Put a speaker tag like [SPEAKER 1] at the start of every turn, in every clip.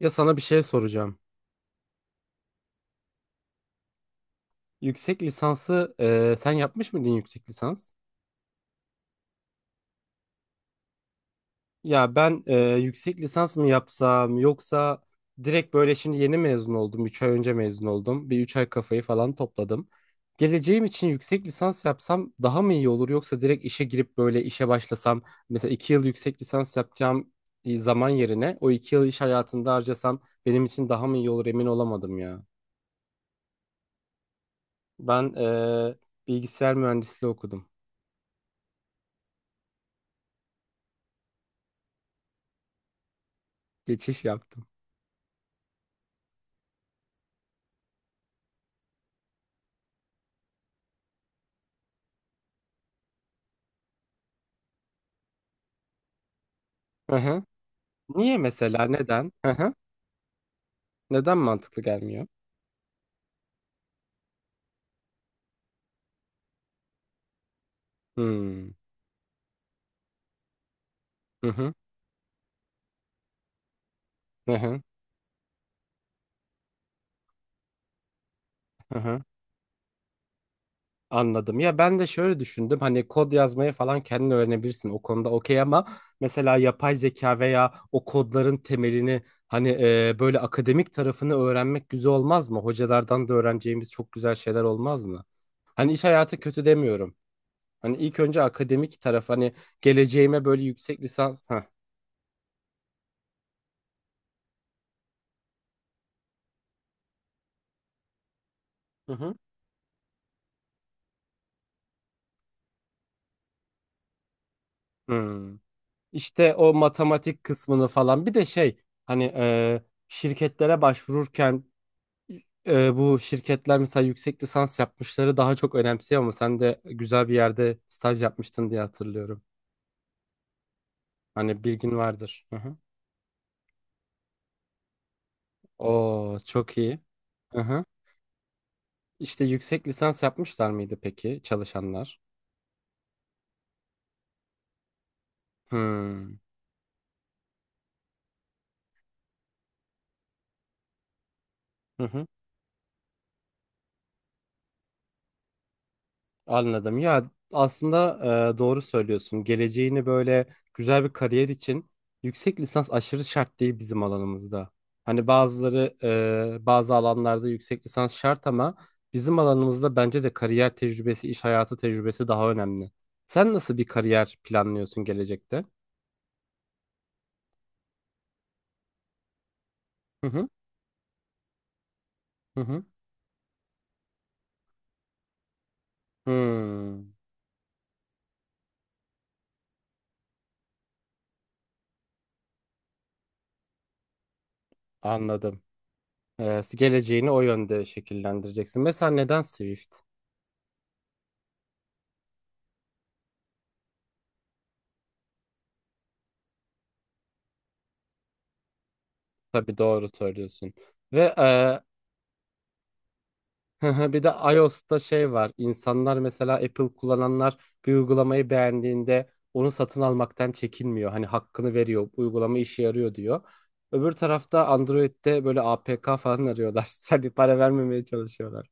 [SPEAKER 1] Ya sana bir şey soracağım. Yüksek lisansı sen yapmış mıydın yüksek lisans? Ya ben yüksek lisans mı yapsam yoksa direkt böyle şimdi yeni mezun oldum. Üç ay önce mezun oldum. Bir 3 ay kafayı falan topladım. Geleceğim için yüksek lisans yapsam daha mı iyi olur yoksa direkt işe girip böyle işe başlasam, mesela 2 yıl yüksek lisans yapacağım zaman yerine o 2 yıl iş hayatında harcasam benim için daha mı iyi olur emin olamadım ya. Ben bilgisayar mühendisliği okudum. Geçiş yaptım. Hı hı. Niye mesela? Neden? Hı hı. Neden mantıklı gelmiyor? Hmm. Hı hı. Hı hı. Hı hı. Anladım. Ya ben de şöyle düşündüm. Hani kod yazmayı falan kendin öğrenebilirsin. O konuda okey, ama mesela yapay zeka veya o kodların temelini, hani böyle akademik tarafını öğrenmek güzel olmaz mı? Hocalardan da öğreneceğimiz çok güzel şeyler olmaz mı? Hani iş hayatı kötü demiyorum. Hani ilk önce akademik taraf, hani geleceğime böyle yüksek lisans. Heh. Hı hı. Hmm. İşte o matematik kısmını falan. Bir de şey, hani şirketlere başvururken bu şirketler mesela yüksek lisans yapmışları daha çok önemsiyor ama sen de güzel bir yerde staj yapmıştın diye hatırlıyorum. Hani bilgin vardır. Hı hı. Oo, çok iyi. Hı hı. İşte yüksek lisans yapmışlar mıydı peki çalışanlar? Hmm. Hı hı. Anladım. Ya aslında doğru söylüyorsun. Geleceğini böyle güzel bir kariyer için yüksek lisans aşırı şart değil bizim alanımızda. Hani bazıları bazı alanlarda yüksek lisans şart ama bizim alanımızda bence de kariyer tecrübesi, iş hayatı tecrübesi daha önemli. Sen nasıl bir kariyer planlıyorsun gelecekte? Hı hı, hı hı. Hmm, anladım. E, geleceğini o yönde şekillendireceksin. Mesela neden Swift? Tabii, doğru söylüyorsun. Ve hı hı, bir de iOS'ta şey var. İnsanlar mesela Apple kullananlar bir uygulamayı beğendiğinde onu satın almaktan çekinmiyor. Hani hakkını veriyor. Bu uygulama işe yarıyor diyor. Öbür tarafta Android'de böyle APK falan arıyorlar. Seni para vermemeye çalışıyorlar.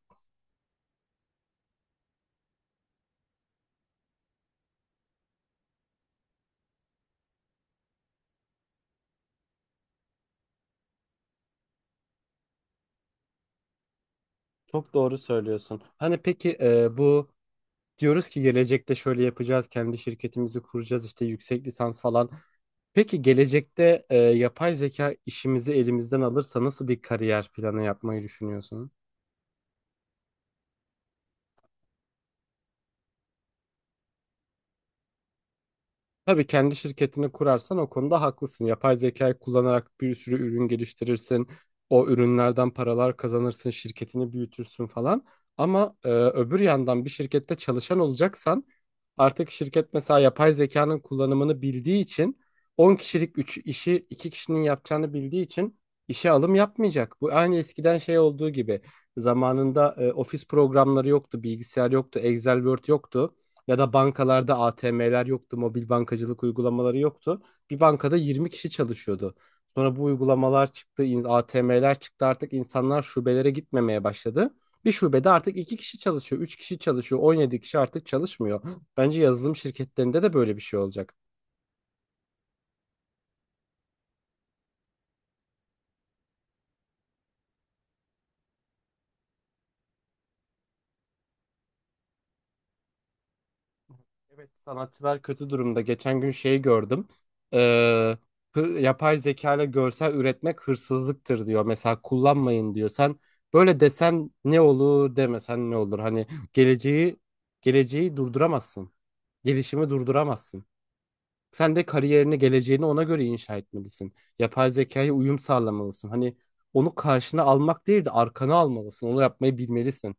[SPEAKER 1] Çok doğru söylüyorsun. Hani peki bu, diyoruz ki gelecekte şöyle yapacağız, kendi şirketimizi kuracağız, işte yüksek lisans falan. Peki gelecekte yapay zeka işimizi elimizden alırsa nasıl bir kariyer planı yapmayı düşünüyorsun? Tabii kendi şirketini kurarsan o konuda haklısın. Yapay zekayı kullanarak bir sürü ürün geliştirirsin. O ürünlerden paralar kazanırsın, şirketini büyütürsün falan. Ama öbür yandan bir şirkette çalışan olacaksan artık şirket mesela yapay zekanın kullanımını bildiği için 10 kişilik 3 işi 2 kişinin yapacağını bildiği için işe alım yapmayacak. Bu aynı eskiden şey olduğu gibi, zamanında ofis programları yoktu, bilgisayar yoktu, Excel, Word yoktu. Ya da bankalarda ATM'ler yoktu, mobil bankacılık uygulamaları yoktu. Bir bankada 20 kişi çalışıyordu. Sonra bu uygulamalar çıktı, ATM'ler çıktı, artık insanlar şubelere gitmemeye başladı. Bir şubede artık 2 kişi çalışıyor, 3 kişi çalışıyor, 17 kişi artık çalışmıyor. Bence yazılım şirketlerinde de böyle bir şey olacak. Evet, sanatçılar kötü durumda. Geçen gün şeyi gördüm. Ee, yapay zeka ile görsel üretmek hırsızlıktır diyor. Mesela kullanmayın diyor. Sen böyle desen ne olur, demesen ne olur? Hani geleceği geleceği durduramazsın. Gelişimi durduramazsın. Sen de kariyerini, geleceğini ona göre inşa etmelisin. Yapay zekaya uyum sağlamalısın. Hani onu karşına almak değil de arkana almalısın. Onu yapmayı bilmelisin.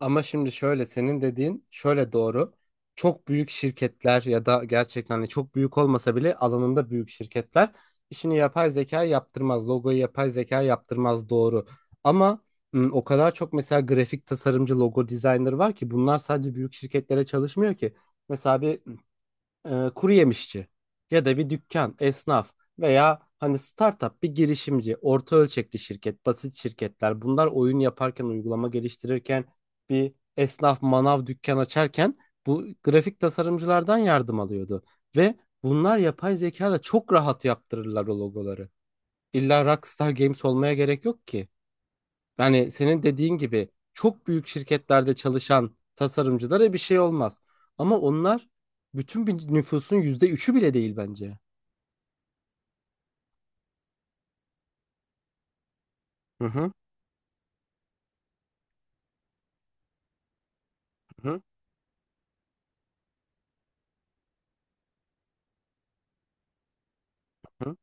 [SPEAKER 1] Ama şimdi şöyle, senin dediğin şöyle doğru. Çok büyük şirketler ya da gerçekten hani çok büyük olmasa bile alanında büyük şirketler işini yapay zeka yaptırmaz. Logoyu yapay zeka yaptırmaz, doğru. Ama o kadar çok mesela grafik tasarımcı, logo designer var ki bunlar sadece büyük şirketlere çalışmıyor ki. Mesela bir kuru yemişçi ya da bir dükkan, esnaf veya hani startup bir girişimci, orta ölçekli şirket, basit şirketler bunlar oyun yaparken, uygulama geliştirirken, bir esnaf manav dükkan açarken bu grafik tasarımcılardan yardım alıyordu. Ve bunlar yapay zeka da çok rahat yaptırırlar o logoları. İlla Rockstar Games olmaya gerek yok ki. Yani senin dediğin gibi çok büyük şirketlerde çalışan tasarımcılara bir şey olmaz. Ama onlar bütün bir nüfusun %3'ü bile değil bence. Hı hı, hı hı.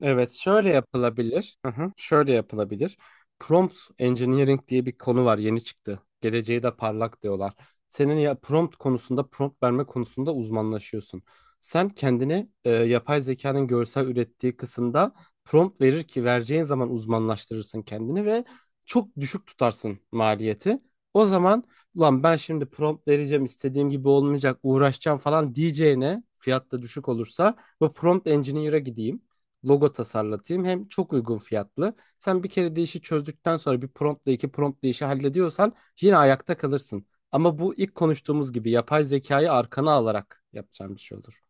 [SPEAKER 1] Evet, şöyle yapılabilir. Hı hı, şöyle yapılabilir. Prompt engineering diye bir konu var, yeni çıktı. Geleceği de parlak diyorlar. Senin ya prompt konusunda, prompt verme konusunda uzmanlaşıyorsun. Sen kendini yapay zekanın görsel ürettiği kısımda prompt verir ki vereceğin zaman uzmanlaştırırsın kendini ve çok düşük tutarsın maliyeti. O zaman ulan ben şimdi prompt vereceğim, istediğim gibi olmayacak, uğraşacağım falan diyeceğine fiyat da düşük olursa bu prompt engineer'a gideyim, logo tasarlatayım. Hem çok uygun fiyatlı. Sen bir kere değişi çözdükten sonra bir promptla iki prompt değişi hallediyorsan yine ayakta kalırsın. Ama bu ilk konuştuğumuz gibi yapay zekayı arkana alarak yapacağım bir şey olur.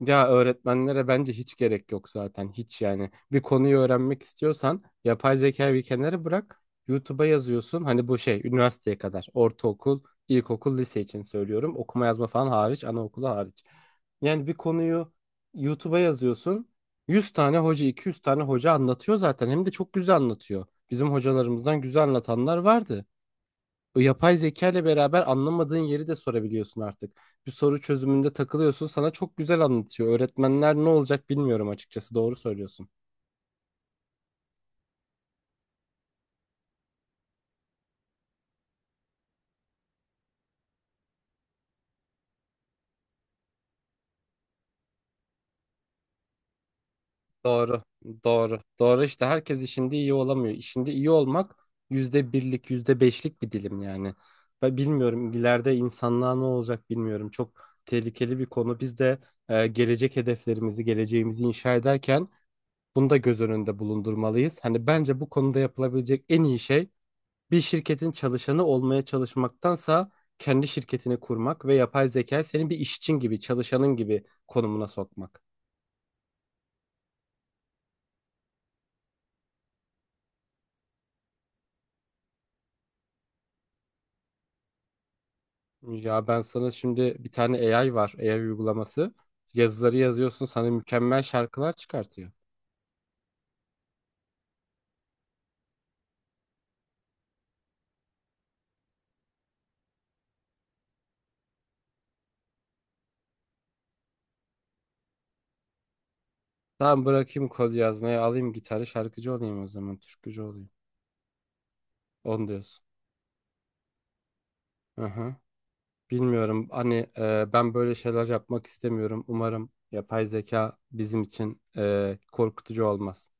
[SPEAKER 1] Ya öğretmenlere bence hiç gerek yok zaten. Hiç yani. Bir konuyu öğrenmek istiyorsan yapay zekayı bir kenara bırak. YouTube'a yazıyorsun. Hani bu şey üniversiteye kadar. Ortaokul, ilkokul, lise için söylüyorum. Okuma yazma falan hariç, anaokulu hariç. Yani bir konuyu YouTube'a yazıyorsun. 100 tane hoca, 200 tane hoca anlatıyor zaten. Hem de çok güzel anlatıyor. Bizim hocalarımızdan güzel anlatanlar vardı. O yapay zeka ile beraber anlamadığın yeri de sorabiliyorsun artık. Bir soru çözümünde takılıyorsun. Sana çok güzel anlatıyor. Öğretmenler ne olacak bilmiyorum açıkçası. Doğru söylüyorsun. Doğru. Doğru. Doğru, işte herkes işinde iyi olamıyor. İşinde iyi olmak %1'lik, yüzde beşlik bir dilim yani. Ben bilmiyorum, ileride insanlığa ne olacak bilmiyorum. Çok tehlikeli bir konu. Biz de gelecek hedeflerimizi, geleceğimizi inşa ederken bunu da göz önünde bulundurmalıyız. Hani bence bu konuda yapılabilecek en iyi şey bir şirketin çalışanı olmaya çalışmaktansa kendi şirketini kurmak ve yapay zekayı senin bir işçin gibi, çalışanın gibi konumuna sokmak. Ya ben sana şimdi bir tane AI var, AI uygulaması. Yazıları yazıyorsun, sana mükemmel şarkılar çıkartıyor. Tamam bırakayım kod yazmayı, alayım gitarı, şarkıcı olayım o zaman, türkücü olayım. Onu diyorsun. Hı hı. Bilmiyorum. Hani ben böyle şeyler yapmak istemiyorum. Umarım yapay zeka bizim için korkutucu olmaz.